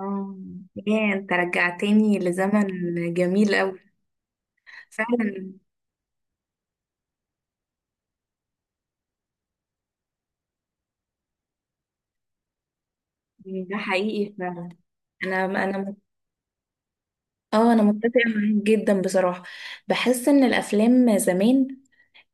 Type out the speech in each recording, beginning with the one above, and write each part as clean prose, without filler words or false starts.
اه. ياه، انت رجعتني لزمن جميل قوي. فعلا، ده حقيقي فعلا. انا اه، انا متفقه معاك جدا بصراحه. بحس ان الافلام زمان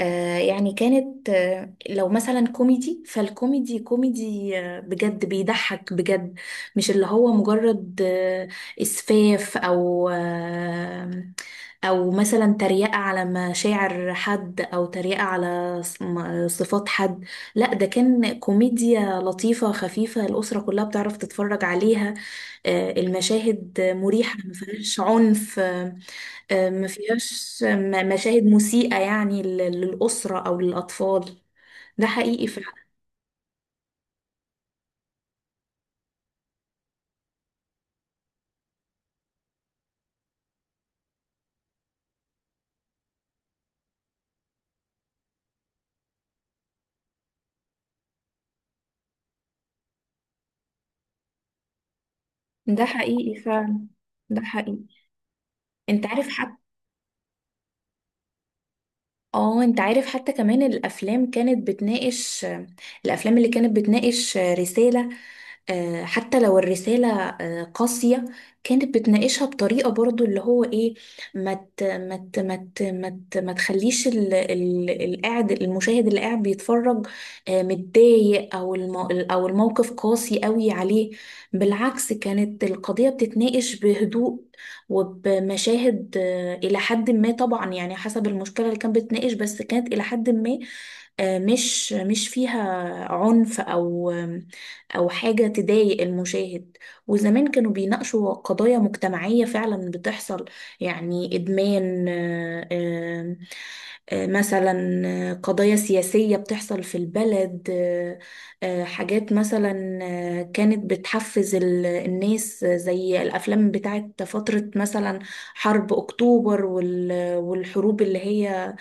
آه يعني كانت آه، لو مثلا كوميدي فالكوميدي كوميدي آه بجد بيضحك بجد. مش اللي هو مجرد إسفاف أو أو مثلا تريقة على مشاعر حد أو تريقة على صفات حد. لا، ده كان كوميديا لطيفة خفيفة، الأسرة كلها بتعرف تتفرج عليها. المشاهد مريحة، ما فيهاش عنف. ما فيهاش مشاهد مسيئة يعني للأسرة أو للأطفال. ده حقيقي فعلا. ده حقيقي فعلا. ده حقيقي. انت عارف حتى. اه، انت عارف حتى كمان الافلام كانت بتناقش، الافلام اللي كانت بتناقش رسالة. حتى لو الرسالة قاسية، كانت بتناقشها بطريقة برضو اللي هو ايه، ما تخليش القاعد، المشاهد اللي قاعد بيتفرج متضايق، او الموقف قاسي قوي عليه. بالعكس، كانت القضية بتتناقش بهدوء وبمشاهد الى حد ما، طبعا يعني حسب المشكلة اللي كانت بتناقش، بس كانت الى حد ما مش فيها عنف او أو حاجة تضايق المشاهد. وزمان كانوا بيناقشوا قضايا مجتمعية فعلا بتحصل، يعني إدمان مثلا، قضايا سياسية بتحصل في البلد. حاجات مثلا كانت بتحفز الناس، زي الأفلام بتاعت فترة مثلا حرب أكتوبر والحروب اللي هي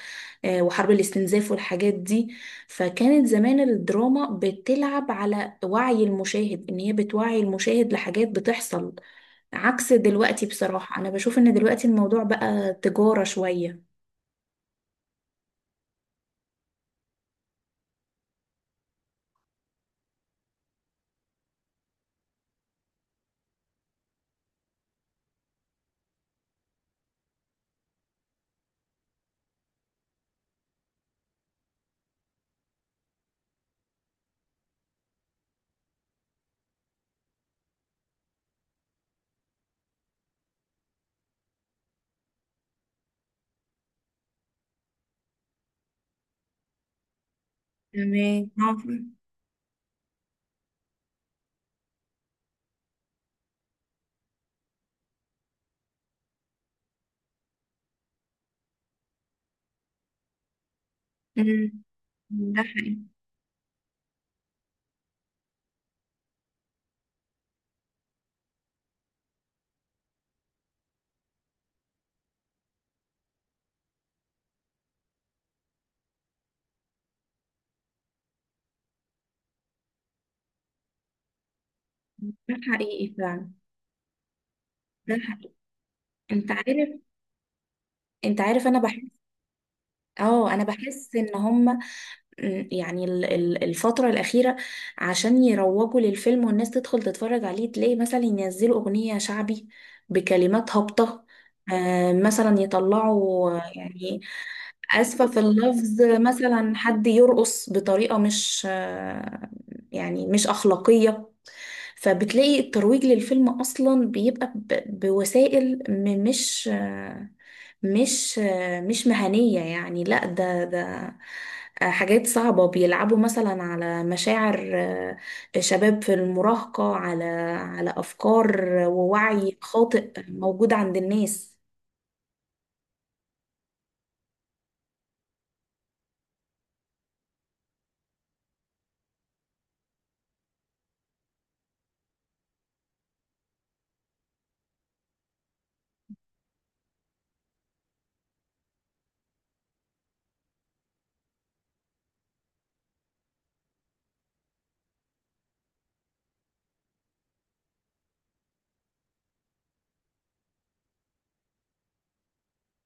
وحرب الاستنزاف والحاجات دي. فكانت زمان الدراما بتلعب على وعي المشاهد، ان هي بتوعي المشاهد لحاجات بتحصل، عكس دلوقتي. بصراحة انا بشوف ان دلوقتي الموضوع بقى تجارة شوية. تمام. آه، أمم، ده حقيقي. ده حقيقي فعلا. ده حقيقي. انت عارف، انت عارف، انا بحس، اه انا بحس ان هم. يعني الفترة الأخيرة عشان يروجوا للفيلم والناس تدخل تتفرج عليه، تلاقي مثلا ينزلوا أغنية شعبي بكلمات هابطة. مثلا يطلعوا آه، يعني آسفة في اللفظ، مثلا حد يرقص بطريقة مش يعني مش أخلاقية. فبتلاقي الترويج للفيلم أصلا بيبقى بوسائل مش مش مهنية، يعني لا، ده حاجات صعبة. بيلعبوا مثلا على مشاعر شباب في المراهقة، على على أفكار ووعي خاطئ موجود عند الناس.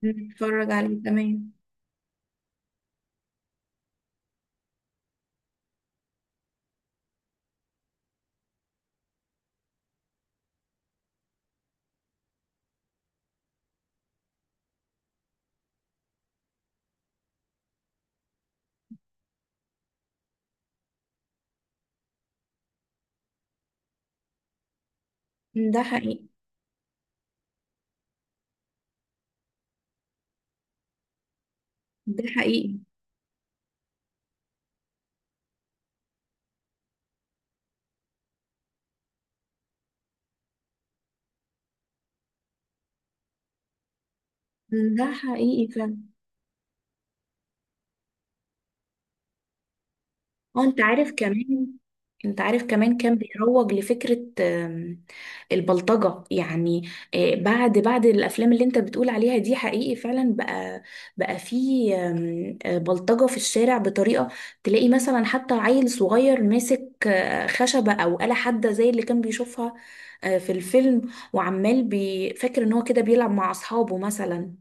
نتفرج عليه، تمام. ده حقيقي. ده حقيقي. ده حقيقي. اه، انت عارف كمان، انت عارف كمان كان بيروج لفكرة البلطجة يعني. بعد الافلام اللي انت بتقول عليها دي، حقيقي فعلا بقى، بقى في آم، آه، بلطجة في الشارع بطريقة تلاقي مثلا حتى عيل صغير ماسك خشبة او آلة حادة زي اللي كان بيشوفها في الفيلم، فاكر ان هو كده بيلعب مع اصحابه مثلا.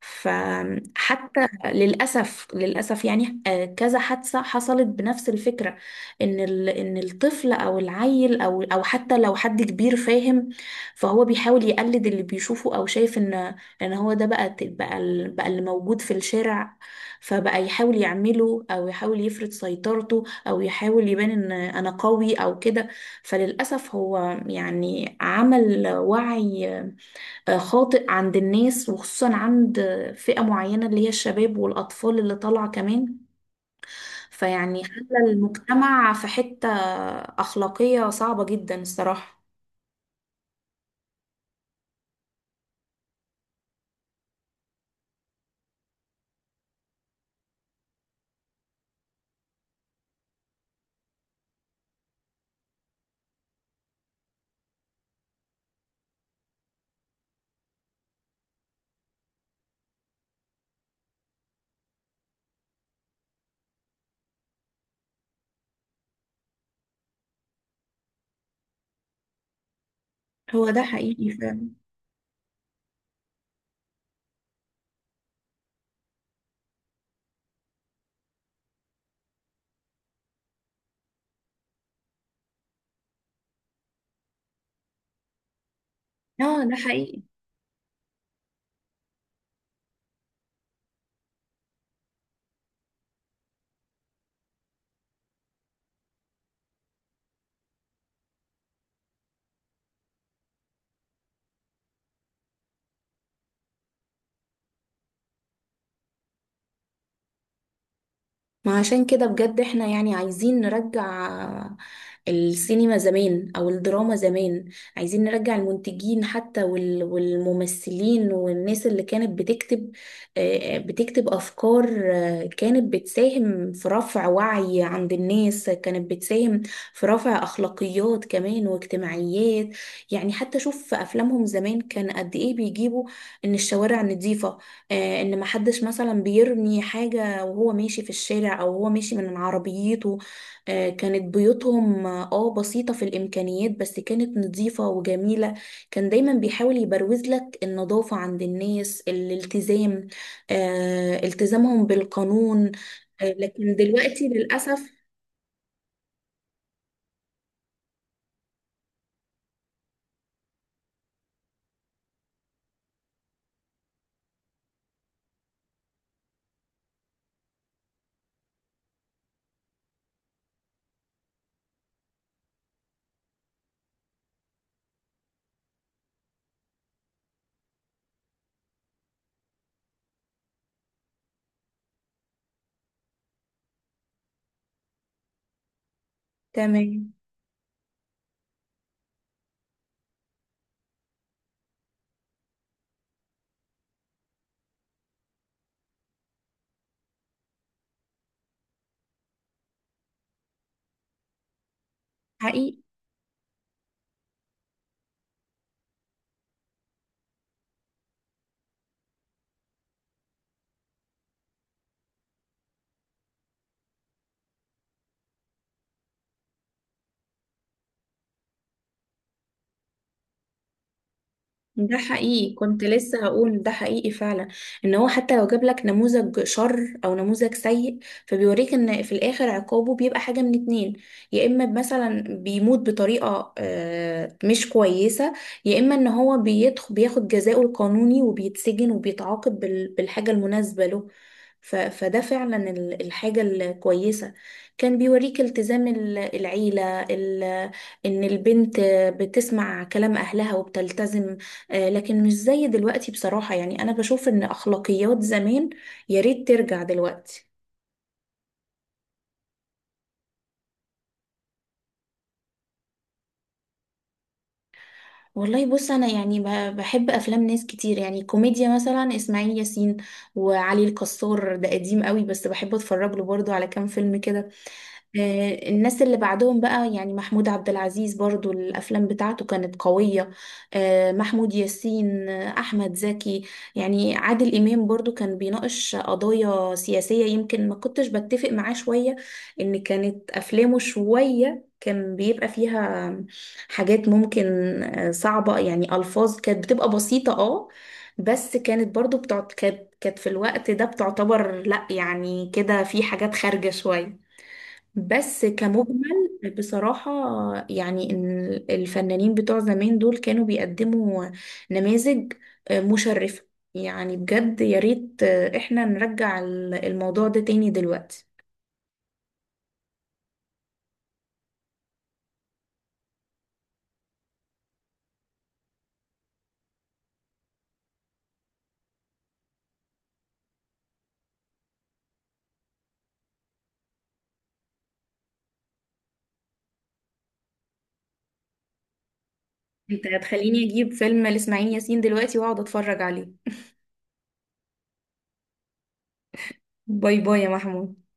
فحتى للأسف، للأسف يعني كذا حادثة حصلت بنفس الفكرة. إن إن الطفل أو العيل أو أو حتى لو حد كبير فاهم، فهو بيحاول يقلد اللي بيشوفه أو شايف إن، إن هو ده بقى ت- بقى ال- بقى اللي موجود في الشارع، فبقى يحاول يعمله أو يحاول يفرض سيطرته أو يحاول يبان إن أنا قوي أو كده. فللأسف هو يعني عمل وعي خاطئ عند الناس، وخصوصا عند فئة معينة اللي هي الشباب والأطفال اللي طالعة كمان. فيعني خلى المجتمع في حتة أخلاقية صعبة جدا الصراحة. هو ده حقيقي فعلا. اه، ده حقيقي. ما عشان كده بجد احنا يعني عايزين نرجع السينما زمان او الدراما زمان. عايزين نرجع المنتجين حتى والممثلين والناس اللي كانت بتكتب بتكتب افكار. كانت بتساهم في رفع وعي عند الناس، كانت بتساهم في رفع اخلاقيات كمان واجتماعيات. يعني حتى شوف في افلامهم زمان كان قد ايه بيجيبوا ان الشوارع نظيفة. ان محدش مثلا بيرمي حاجة او هو ماشي في الشارع او هو ماشي من عربيته. كانت بيوتهم بسيطة في الامكانيات بس كانت نظيفة وجميلة. كان دايما بيحاول يبروز لك النظافة عند الناس، الالتزام، التزامهم بالقانون. لكن دلوقتي للأسف. تمام. حقيقي. ده حقيقي، كنت لسه هقول ده حقيقي فعلا، ان هو حتى لو جاب لك نموذج شر او نموذج سيء، فبيوريك ان في الاخر عقابه بيبقى حاجة من اتنين: يا اما مثلا بيموت بطريقة مش كويسة، يا اما ان هو بيدخل بياخد جزاؤه القانوني وبيتسجن وبيتعاقب بالحاجة المناسبة له. فده فعلا الحاجة الكويسة. كان بيوريك التزام العيلة ان البنت بتسمع كلام اهلها وبتلتزم. لكن مش زي دلوقتي بصراحة، يعني أنا بشوف إن أخلاقيات زمان يا ريت ترجع دلوقتي. والله بص، أنا يعني بحب أفلام ناس كتير. يعني كوميديا مثلا إسماعيل ياسين وعلي الكسار، ده قديم قوي بس بحب أتفرج له برضه على كام فيلم كده. الناس اللي بعدهم بقى، يعني محمود عبد العزيز برضو الأفلام بتاعته كانت قوية، محمود ياسين، أحمد زكي. يعني عادل إمام برضو كان بيناقش قضايا سياسية، يمكن ما كنتش بتفق معاه شوية، إن كانت أفلامه شوية كان بيبقى فيها حاجات ممكن صعبة، يعني ألفاظ كانت بتبقى بسيطة اه، بس كانت في الوقت ده بتعتبر لأ يعني كده في حاجات خارجة شوية. بس كمجمل بصراحة، يعني إن الفنانين بتوع زمان دول كانوا بيقدموا نماذج مشرفة. يعني بجد يا ريت احنا نرجع الموضوع ده تاني دلوقتي. انت هتخليني اجيب فيلم لإسماعيل ياسين دلوقتي واقعد اتفرج عليه. باي باي يا محمود.